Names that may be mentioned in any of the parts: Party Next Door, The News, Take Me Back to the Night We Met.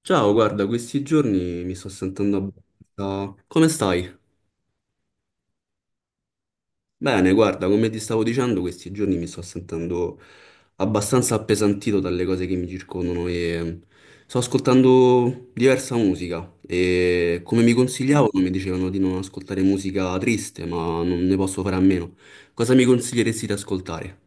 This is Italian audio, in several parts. Ciao, guarda, questi giorni mi sto sentendo abbastanza... Come stai? Bene, guarda, come ti stavo dicendo, questi giorni mi sto sentendo abbastanza appesantito dalle cose che mi circondano e sto ascoltando diversa musica e come mi consigliavano mi dicevano di non ascoltare musica triste, ma non ne posso fare a meno. Cosa mi consiglieresti di ascoltare?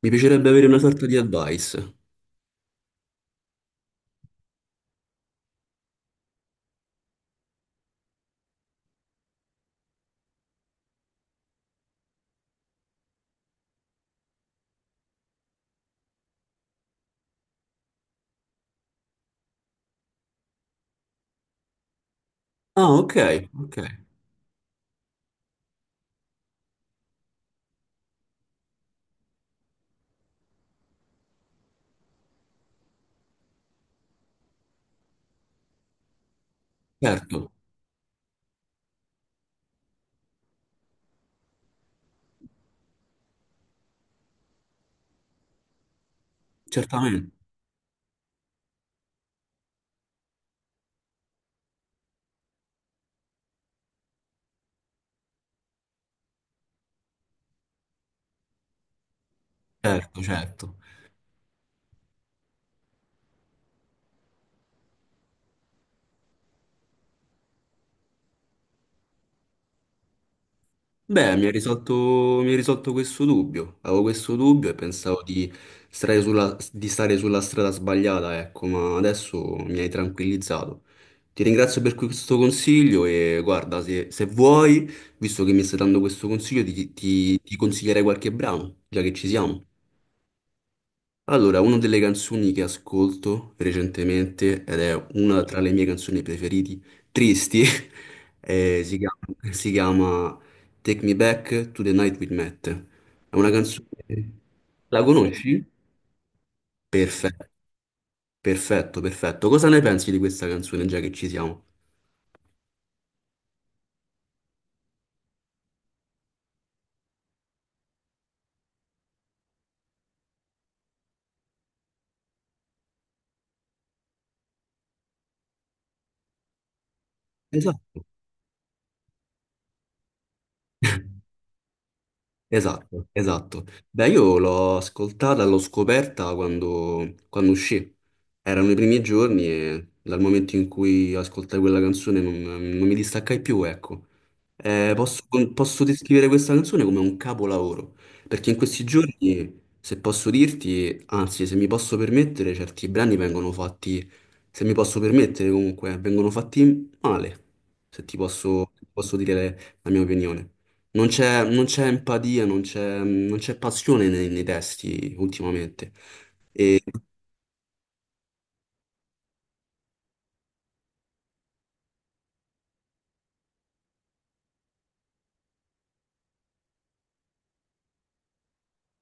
Mi piacerebbe avere una sorta di advice. Ah, ok, ok, certo, certamente, certo, certo. Beh, mi hai risolto questo dubbio. Avevo questo dubbio e pensavo di stare sulla strada sbagliata, ecco, ma adesso mi hai tranquillizzato. Ti ringrazio per questo consiglio e guarda, se vuoi, visto che mi stai dando questo consiglio, ti consiglierei qualche brano, già che ci siamo. Allora, una delle canzoni che ascolto recentemente, ed è una tra le mie canzoni preferite, tristi, si chiama Take Me Back to the Night We Met. È una canzone... La conosci? Perfetto, perfetto, perfetto. Cosa ne pensi di questa canzone, già che ci siamo? Esatto. Esatto, esatto. Beh, io l'ho ascoltata, l'ho scoperta quando uscì. Erano i primi giorni e dal momento in cui ascoltai quella canzone non mi distaccai più, ecco. Eh, posso, posso descrivere questa canzone come un capolavoro, perché in questi giorni, se posso dirti, anzi, se mi posso permettere, certi brani vengono fatti, se mi posso permettere comunque, vengono fatti male, se ti posso dire la mia opinione. Non c'è empatia, non c'è passione nei testi ultimamente.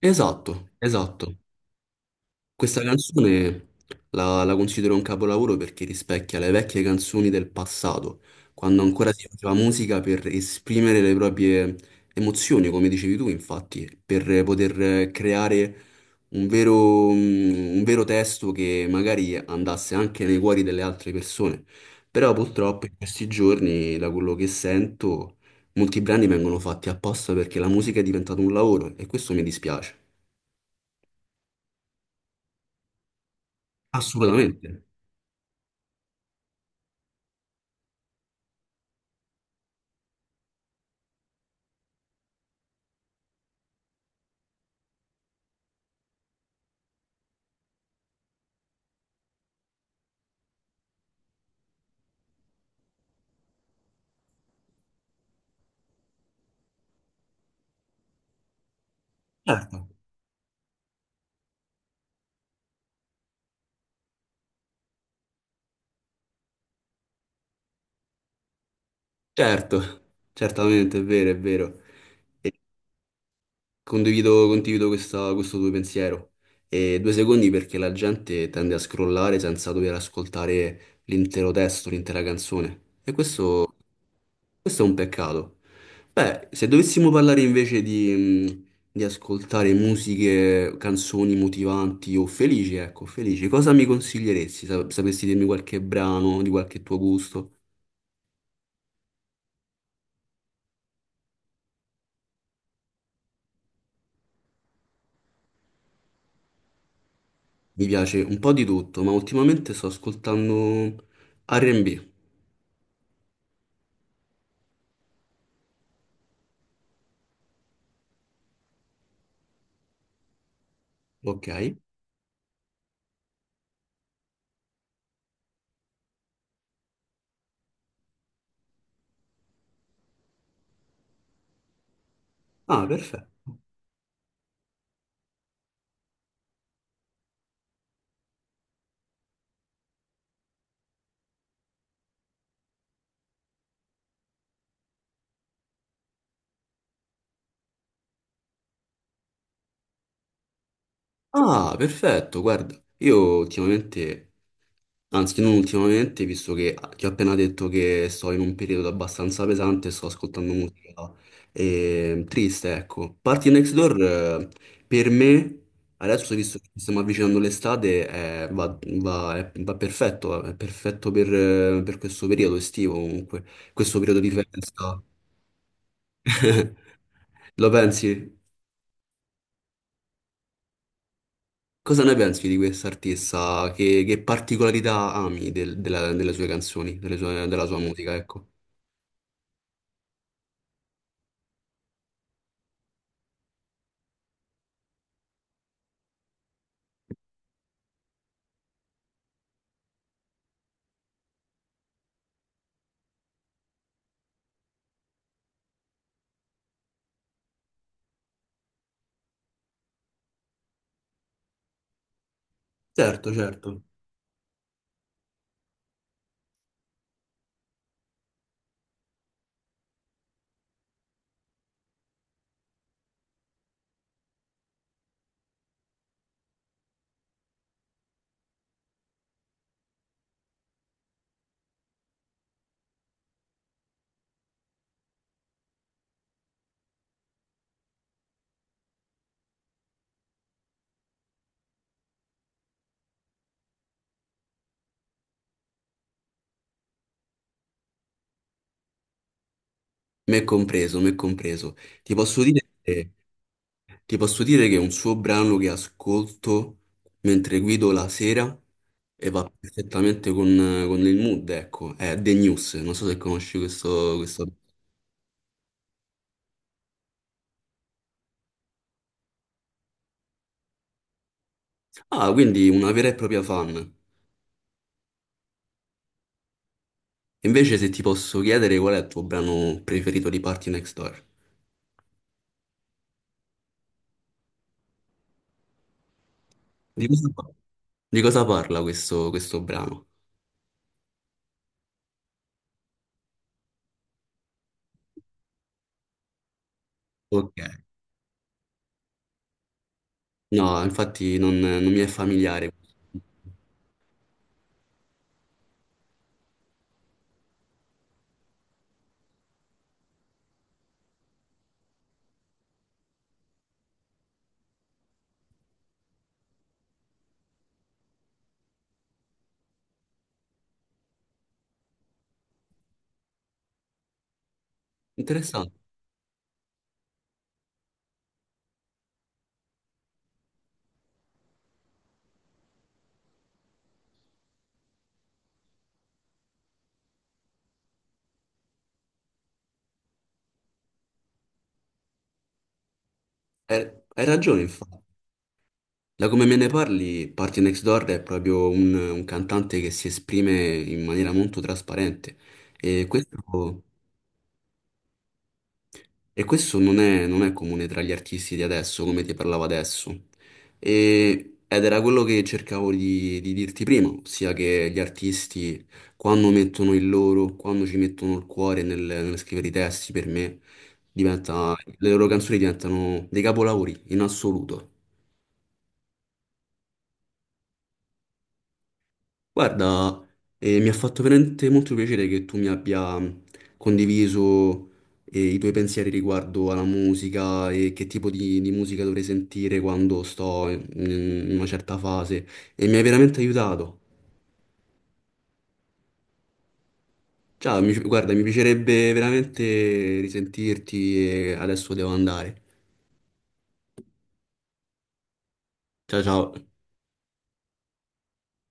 Esatto, esatto. Questa canzone la considero un capolavoro perché rispecchia le vecchie canzoni del passato, quando ancora si faceva musica per esprimere le proprie emozioni, come dicevi tu, infatti, per poter creare un vero, un vero testo che magari andasse anche nei cuori delle altre persone. Però purtroppo in questi giorni, da quello che sento, molti brani vengono fatti apposta perché la musica è diventata un lavoro e questo mi dispiace. Assolutamente. Certo. Certo, certamente, è vero, è vero. E condivido, condivido questo tuo pensiero. E due secondi perché la gente tende a scrollare senza dover ascoltare l'intero testo, l'intera canzone. E questo è un peccato. Beh, se dovessimo parlare invece di ascoltare musiche, canzoni motivanti o felici, ecco, felici, cosa mi consiglieresti? Sapresti dirmi qualche brano di qualche tuo gusto? Mi piace un po' di tutto, ma ultimamente sto ascoltando R&B, ok? Ah, perfetto. Ah, perfetto, guarda, io ultimamente, anzi non ultimamente, visto che ti ho appena detto che sto in un periodo abbastanza pesante, sto ascoltando musica triste, ecco. Party Next Door, per me, adesso visto che ci stiamo avvicinando all'estate, va perfetto, è perfetto per questo periodo estivo comunque, questo periodo di festa. Lo pensi? Cosa ne pensi di quest'artista? Che particolarità ami delle sue canzoni, della sua musica, ecco? Certo, certo. Me compreso, me compreso. Ti posso dire, ti posso dire che è un suo brano che ascolto mentre guido la sera e va perfettamente con il mood, ecco. È The News, non so se conosci questo... Ah, quindi una vera e propria fan. Invece se ti posso chiedere qual è il tuo brano preferito di Party Next Door? Di questo qua. Di cosa parla questo brano? Ok. No, infatti non mi è familiare. Interessante. Hai ragione, infatti. Da come me ne parli, Party Next Door è proprio un cantante che si esprime in maniera molto trasparente. E questo e questo non è, non è comune tra gli artisti di adesso, come ti parlavo adesso. Ed era quello che cercavo di dirti prima, ossia che gli artisti, quando mettono il loro, quando ci mettono il cuore nel scrivere i testi, per me, diventa, sì, le loro canzoni diventano dei capolavori in assoluto. Guarda, mi ha fatto veramente molto piacere che tu mi abbia condiviso i tuoi pensieri riguardo alla musica e che tipo di musica dovrei sentire quando sto in una certa fase e mi hai veramente aiutato. Ciao, guarda, mi piacerebbe veramente risentirti e adesso devo andare. Ciao ciao.